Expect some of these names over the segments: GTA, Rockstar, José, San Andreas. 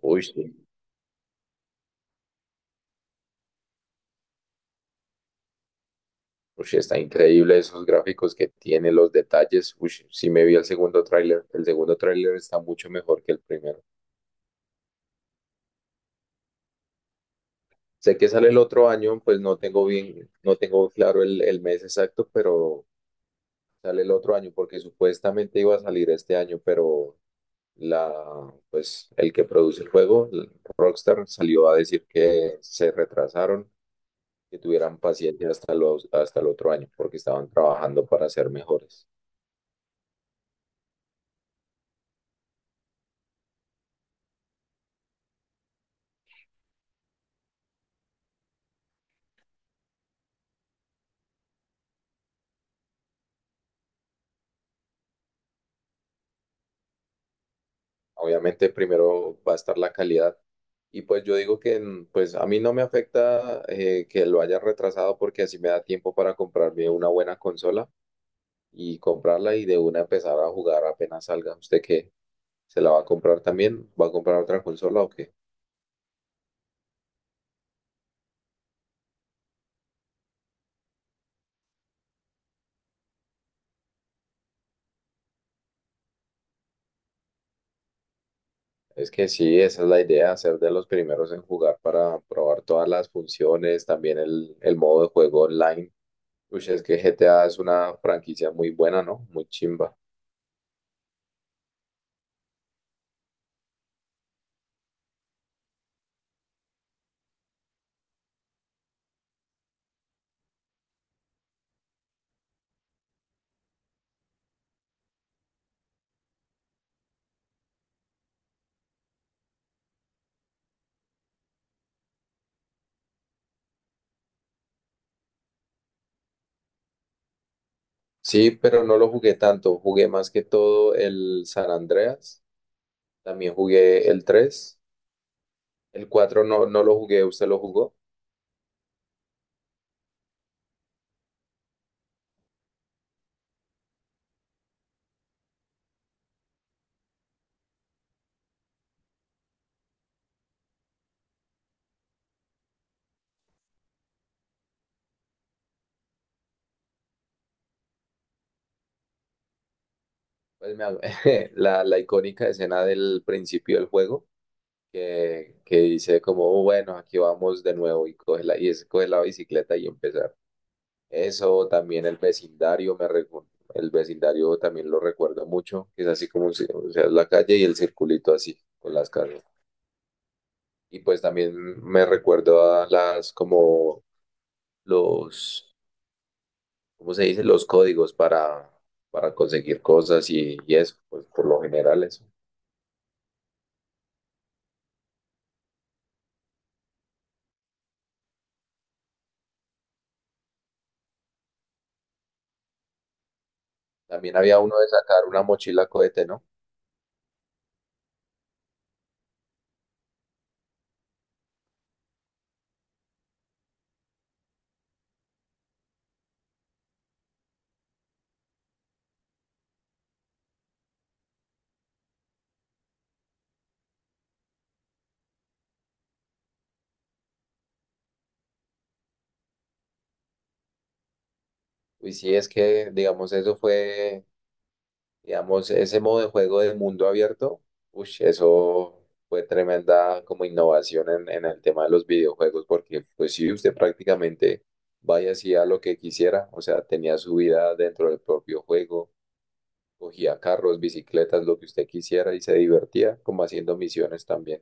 Uy, sí. Uy, sí, está increíble esos gráficos que tiene, los detalles. Uy, sí me vi el segundo tráiler. El segundo tráiler está mucho mejor que el primero. Sé que sale el otro año, pues no tengo claro el mes exacto, pero sale el otro año porque supuestamente iba a salir este año, pero la, pues el que produce el juego, el Rockstar, salió a decir que se retrasaron, que tuvieran paciencia hasta el otro año porque estaban trabajando para ser mejores. Obviamente primero va a estar la calidad. Y pues yo digo pues a mí no me afecta que lo haya retrasado porque así me da tiempo para comprarme una buena consola y comprarla y de una empezar a jugar apenas salga. ¿Usted qué? ¿Se la va a comprar también? ¿Va a comprar otra consola o qué? Es que sí, esa es la idea, ser de los primeros en jugar para probar todas las funciones, también el modo de juego online. Uy, es que GTA es una franquicia muy buena, ¿no? Muy chimba. Sí, pero no lo jugué tanto. Jugué más que todo el San Andreas. También jugué el tres. El 4 no, no lo jugué. ¿Usted lo jugó? Pues me, la icónica escena del principio del juego que dice como: "Oh, bueno, aquí vamos de nuevo y coge la, y es coge la bicicleta y empezar". Eso, también el vecindario, el vecindario también lo recuerdo mucho, que es así como, o sea, la calle y el circulito así, con las casas. Y pues también me recuerdo a las como los, ¿cómo se dice? Los códigos para conseguir cosas y eso, pues por lo general eso. También había uno de sacar una mochila cohete, ¿no? Y sí, es que, digamos, digamos, ese modo de juego de mundo abierto, uy, eso fue tremenda como innovación en el tema de los videojuegos, porque pues sí, usted prácticamente vaya y hacía lo que quisiera, o sea, tenía su vida dentro del propio juego. Cogía carros, bicicletas, lo que usted quisiera y se divertía como haciendo misiones también.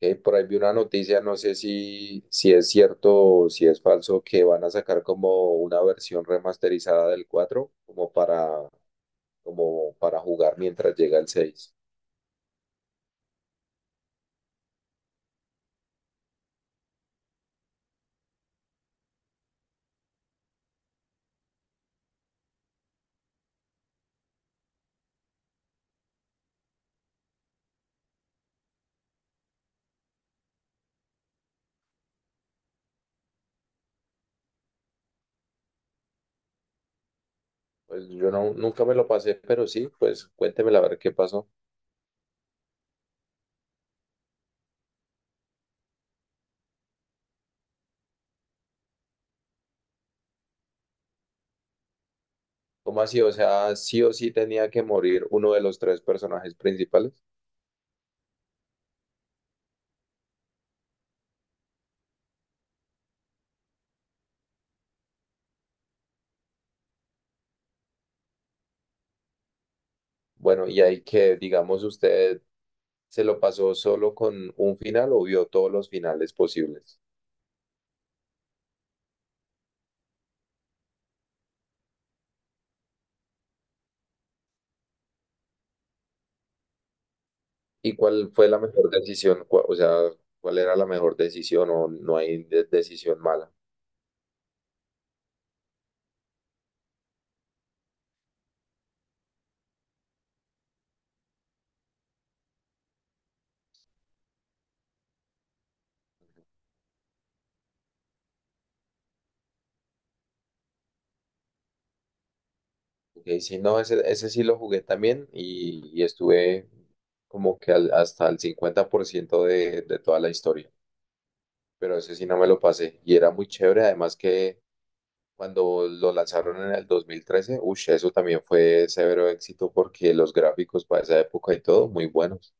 Por ahí vi una noticia, no sé si es cierto o si es falso, que van a sacar como una versión remasterizada del 4 como para jugar mientras llega el seis. Pues yo no, nunca me lo pasé, pero sí, pues cuéntemela a ver qué pasó. ¿Cómo así? O sea, ¿sí o sí tenía que morir uno de los tres personajes principales? Bueno, y ahí que, digamos, usted, ¿se lo pasó solo con un final o vio todos los finales posibles? ¿Y cuál fue la mejor decisión? O sea, ¿cuál era la mejor decisión o no hay decisión mala? Porque sí no, ese sí lo jugué también y estuve como que hasta el 50% de toda la historia, pero ese sí no me lo pasé y era muy chévere, además que cuando lo lanzaron en el 2013, uff, eso también fue severo éxito porque los gráficos para esa época y todo, muy buenos.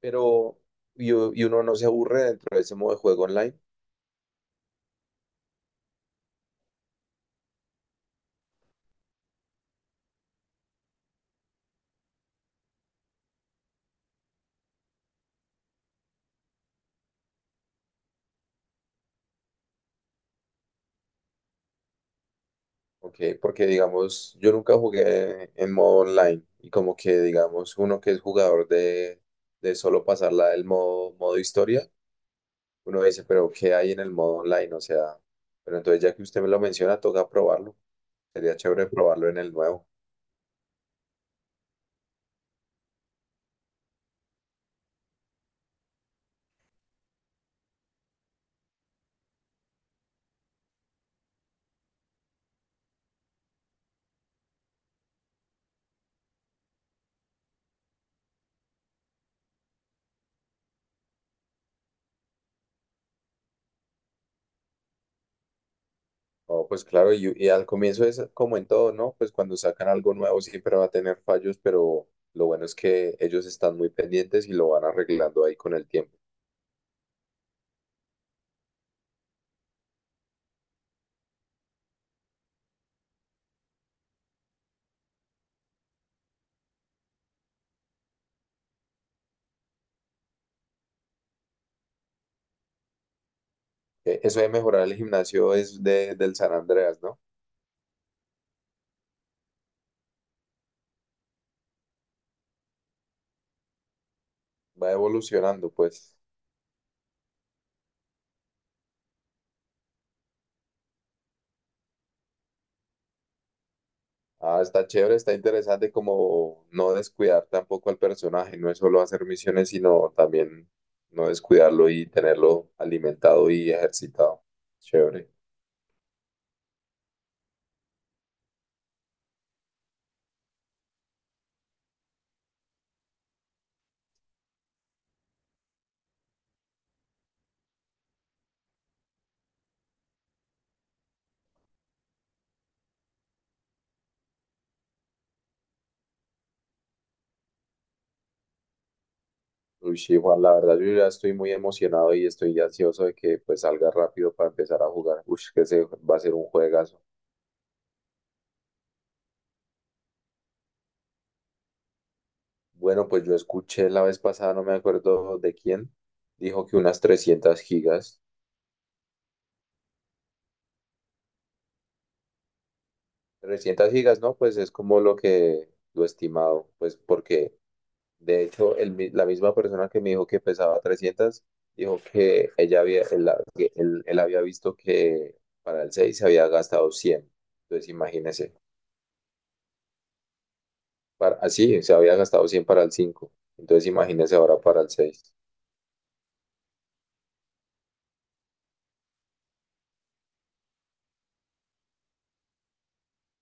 Pero y uno no se aburre dentro de ese modo de juego online, ¿ok? Porque digamos, yo nunca jugué en modo online y como que digamos, uno que es jugador de solo pasarla del modo historia, uno dice, pero ¿qué hay en el modo online? O sea, pero entonces ya que usted me lo menciona, toca probarlo. Sería chévere probarlo en el nuevo. Oh, pues claro, y al comienzo es como en todo, ¿no? Pues cuando sacan algo nuevo siempre va a tener fallos, pero lo bueno es que ellos están muy pendientes y lo van arreglando ahí con el tiempo. Eso de mejorar el gimnasio es del San Andreas, ¿no? Va evolucionando, pues. Ah, está chévere, está interesante como no descuidar tampoco al personaje, no es solo hacer misiones, sino también no descuidarlo y tenerlo alimentado y ejercitado. Chévere. Uy, sí, Juan, la verdad yo ya estoy muy emocionado y estoy ansioso de que pues salga rápido para empezar a jugar. Uy, que se va a ser un juegazo. Bueno, pues yo escuché la vez pasada, no me acuerdo de quién, dijo que unas 300 gigas. 300 gigas, ¿no? Pues es como lo que lo estimado, pues porque de hecho la misma persona que me dijo que pesaba 300 dijo que ella había, él, la- que él- él había visto que para el 6 se había gastado 100. Entonces imagínese, así se había gastado 100 para el cinco. Entonces imagínese ahora para el seis.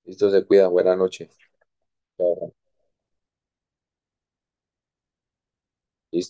Listo, se cuida, buena noche. Chao.